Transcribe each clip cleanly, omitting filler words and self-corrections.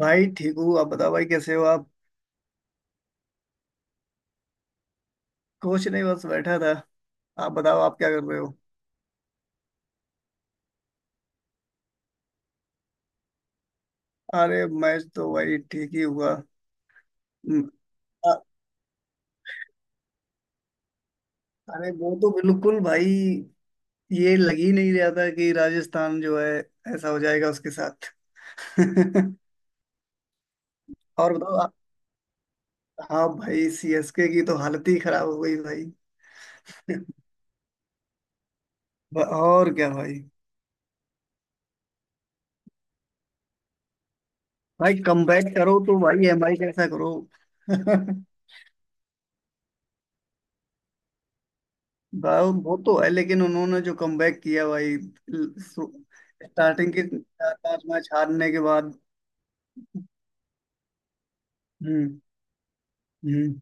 भाई ठीक हूँ। आप बताओ भाई कैसे हो आप? कुछ नहीं, बस बैठा था। आप बताओ आप क्या कर रहे हो? अरे मैं तो भाई ठीक ही हुआ। हम्म, अ- अरे वो तो बिल्कुल भाई। ये लग ही नहीं रहा था कि राजस्थान जो है ऐसा हो जाएगा उसके साथ। और बताओ आप। हाँ भाई, सीएसके की तो हालत ही खराब हो गई भाई। और क्या भाई। भाई कमबैक करो तो भाई एमआई कैसा करो। भाई वो तो है, लेकिन उन्होंने जो कमबैक किया भाई स्टार्टिंग के चार पांच मैच हारने के बाद। हम्म। हम्म।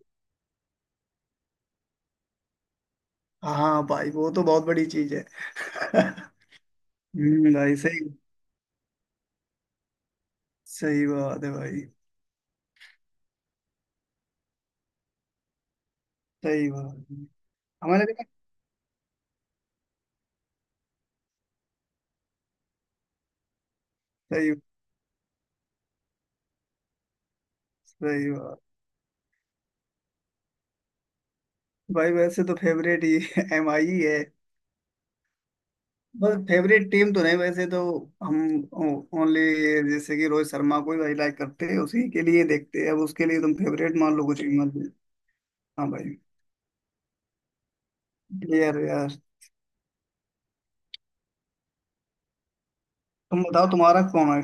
हाँ भाई, वो तो बहुत बड़ी चीज है। हम्म, भाई सही। सही बात है भाई। सही बात है। हमारे लिए। सही, सही बात। भाई वैसे तो फेवरेट ही एम आई ही है। बस फेवरेट टीम तो नहीं वैसे तो। हम ओनली, जैसे कि रोहित शर्मा को ही भाई लाइक करते हैं उसी के लिए देखते हैं, अब उसके लिए तुम फेवरेट मान लो कुछ भी मान लो। हाँ भाई, यार यार। तुम बताओ तुम्हारा कौन है?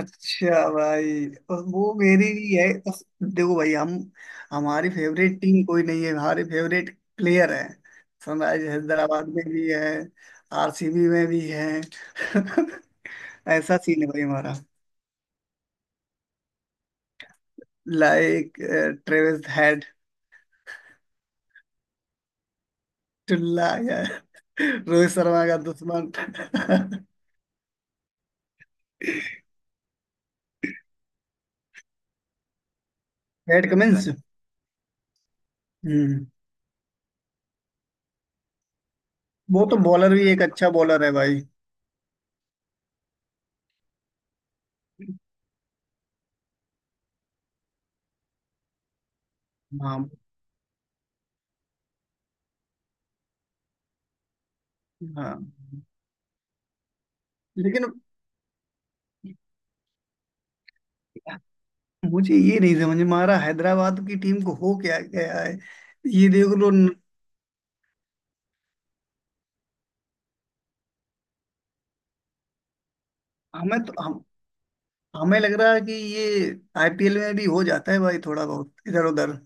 अच्छा भाई। और वो मेरी भी है, बस देखो भाई हम। हमारी फेवरेट टीम कोई नहीं है, हमारे फेवरेट प्लेयर है। सनराइज हैदराबाद में भी है, आरसीबी में भी है। ऐसा सीन है भाई हमारा। Like Travis Head. टुल्ला यार। रोहित शर्मा का दुश्मन। PAT Cummins. हम्म। वो तो बॉलर भी एक अच्छा बॉलर है भाई। हाँ हाँ। लेकिन मुझे ये नहीं समझ में आ रहा हैदराबाद की टीम को हो क्या गया है। ये देख लो हमें तो हम हमें लग रहा है कि ये आईपीएल में भी हो जाता है भाई, थोड़ा बहुत इधर उधर।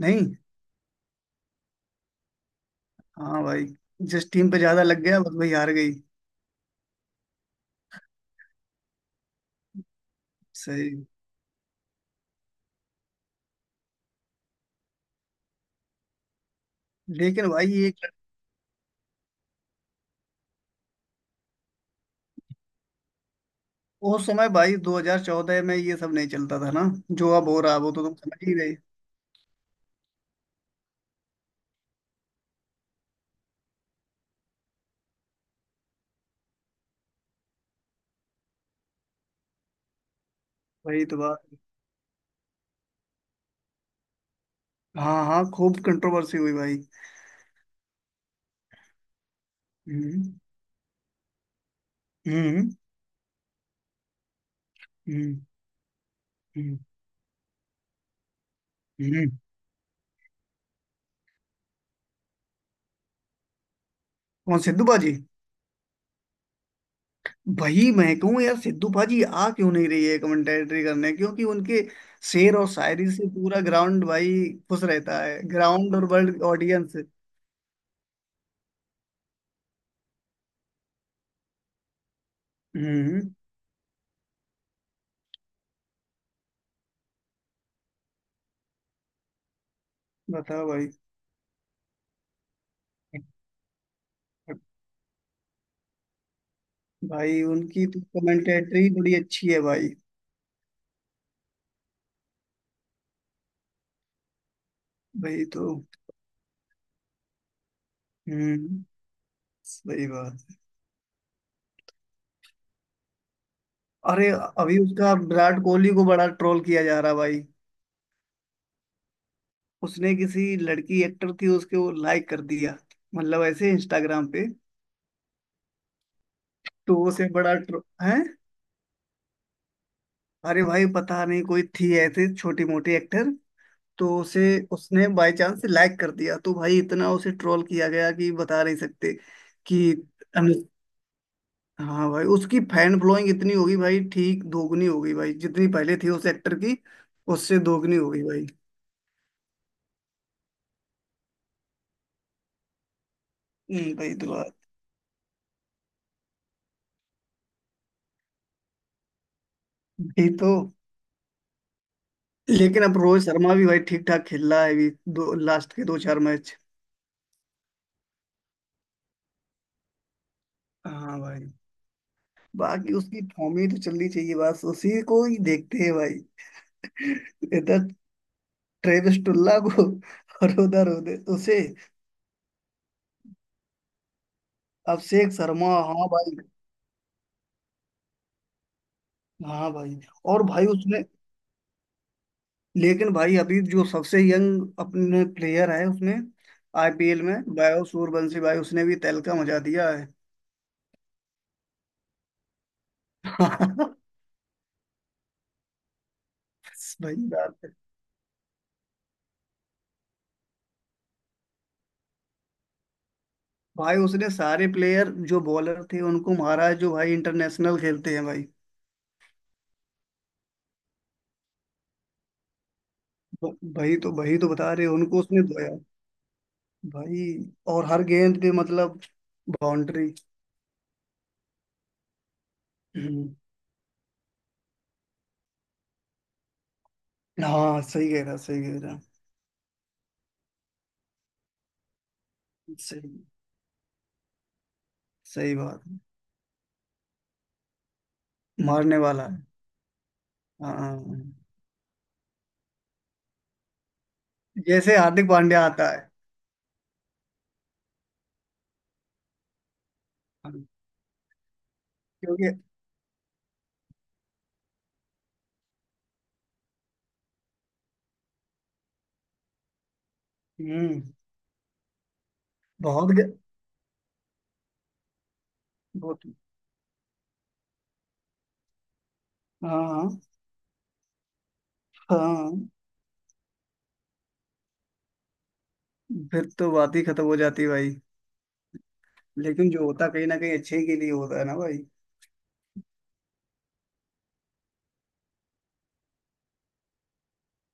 नहीं। हाँ भाई, जिस टीम पे ज्यादा लग गया बस वही हार गई। सही। लेकिन भाई ये उस समय भाई 2014 में ये सब नहीं चलता था ना, जो अब हो रहा है वो तो तुम समझ ही गए। वही तो बात। हाँ हाँ, खूब कंट्रोवर्सी हुई भाई। हम्म। हम्म। हम्म। हम्म। हम्म। कौन सिद्धू बाजी? वही मैं कहूँ यार, सिद्धू पाजी आ क्यों नहीं रही है कमेंटेटरी करने, क्योंकि उनके शेर और शायरी से पूरा ग्राउंड भाई खुश रहता है, ग्राउंड और वर्ल्ड ऑडियंस। हम्म। बताओ भाई। भाई उनकी तो कमेंटेटरी बड़ी अच्छी है भाई। भाई तो। हम्म। सही बात। अरे, अभी उसका विराट कोहली को बड़ा ट्रोल किया जा रहा भाई। उसने किसी लड़की एक्टर थी उसके वो लाइक कर दिया, मतलब ऐसे इंस्टाग्राम पे। तो उसे बड़ा ट्रो है। अरे भाई, पता नहीं कोई थी ऐसे छोटी मोटी एक्टर। तो उसे उसने बाय चांस लाइक कर दिया, तो भाई इतना उसे ट्रोल किया गया कि बता नहीं सकते। कि अनु- हाँ भाई, उसकी फैन फॉलोइंग इतनी होगी भाई, ठीक दोगुनी होगी भाई जितनी पहले थी उस एक्टर की। उससे दोगुनी होगी भाई। भाई दुआ। भाई तो। लेकिन अब रोहित शर्मा भी भाई ठीक ठाक खेल रहा है अभी, दो लास्ट के दो चार मैच। हाँ भाई। बाकी उसकी फॉर्म ही तो चलनी चाहिए, बस उसी को ही देखते हैं भाई। इतना ट्रेविस टुल्ला को, और उधर उधर उसे। अभिषेक शर्मा, हाँ भाई। हाँ भाई। और भाई उसमें, लेकिन भाई अभी जो सबसे यंग अपने प्लेयर है उसमें आईपीएल में, बायो सूरवंशी भाई उसने भी तहलका मचा दिया है। वही बात है। भाई उसने सारे प्लेयर जो बॉलर थे उनको मारा है, जो भाई इंटरनेशनल खेलते हैं भाई। भाई तो बता रहे हैं, उनको उसने धोया भाई। और हर गेंद पे मतलब बाउंड्री। हाँ, सही कह रहा, सही कह रहा। सही, सही बात है। मारने वाला है। हाँ हाँ। हाँ। जैसे हार्दिक पांड्या आता है। क्योंकि। हम्म। बहुत ग- बहुत। हाँ हाँ। हाँ। फिर तो बात ही खत्म हो जाती भाई। लेकिन जो होता कहीं ना कहीं अच्छे के लिए होता है ना भाई।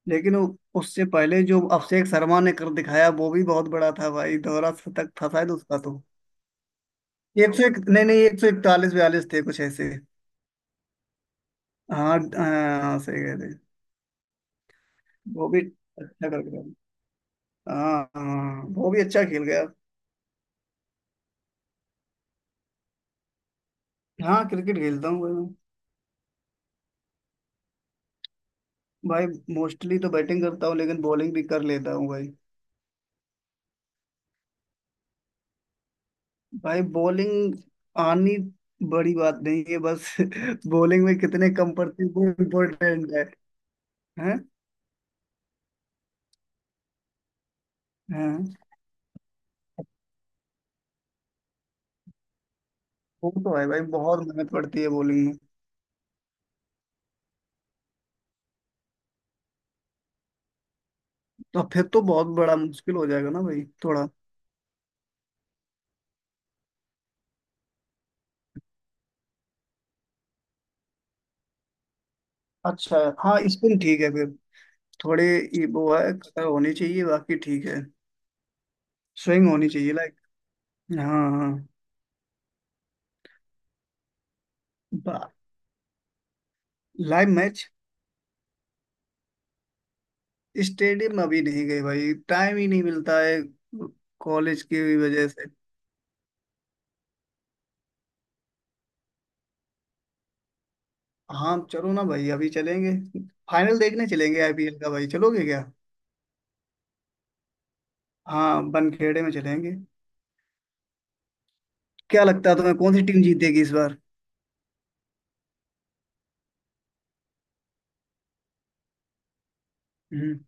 लेकिन वो उससे पहले जो अभिषेक शर्मा ने कर दिखाया वो भी बहुत बड़ा था भाई, दोहरा शतक था शायद उसका तो। 101, नहीं नहीं, 141 42 थे कुछ ऐसे। हाँ हाँ, सही कह रहे। वो भी अच्छा कर गया। हाँ हाँ, वो भी अच्छा खेल गया। हाँ क्रिकेट खेलता हूँ भाई मैं। भाई मोस्टली तो बैटिंग करता हूँ, लेकिन बॉलिंग भी कर लेता हूँ भाई। भाई बॉलिंग आनी बड़ी बात नहीं है बस बॉलिंग में कितने कम पड़ती है वो इम्पोर्टेंट है। हैं। हैं। वो तो है भाई, बहुत मेहनत पड़ती है बॉलिंग में। तो फिर तो बहुत बड़ा मुश्किल हो जाएगा ना भाई, थोड़ा। अच्छा है, हाँ स्पिन ठीक है फिर, थोड़े। ये वो है कटर होनी चाहिए बाकी ठीक है। स्विंग होनी चाहिए लाइक। हाँ हाँ। Live match? स्टेडियम अभी नहीं गए भाई, टाइम ही नहीं मिलता है कॉलेज की वजह से। हाँ चलो ना भाई, अभी चलेंगे, फाइनल देखने चलेंगे आईपीएल का। भाई चलोगे क्या? हाँ बनखेड़े में चलेंगे। क्या लगता है तुम्हें कौन सी टीम जीत देगी इस बार? हम्म।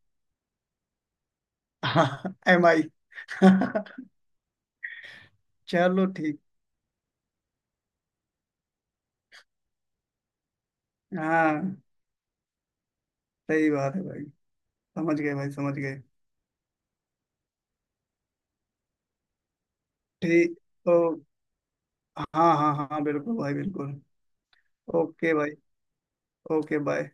हाँ, एम आई। चलो ठीक। हाँ सही बात है भाई। समझ गए भाई, समझ गए। ठीक। तो हाँ। हाँ हाँ बिल्कुल भाई बिल्कुल। ओके भाई। Okay bye.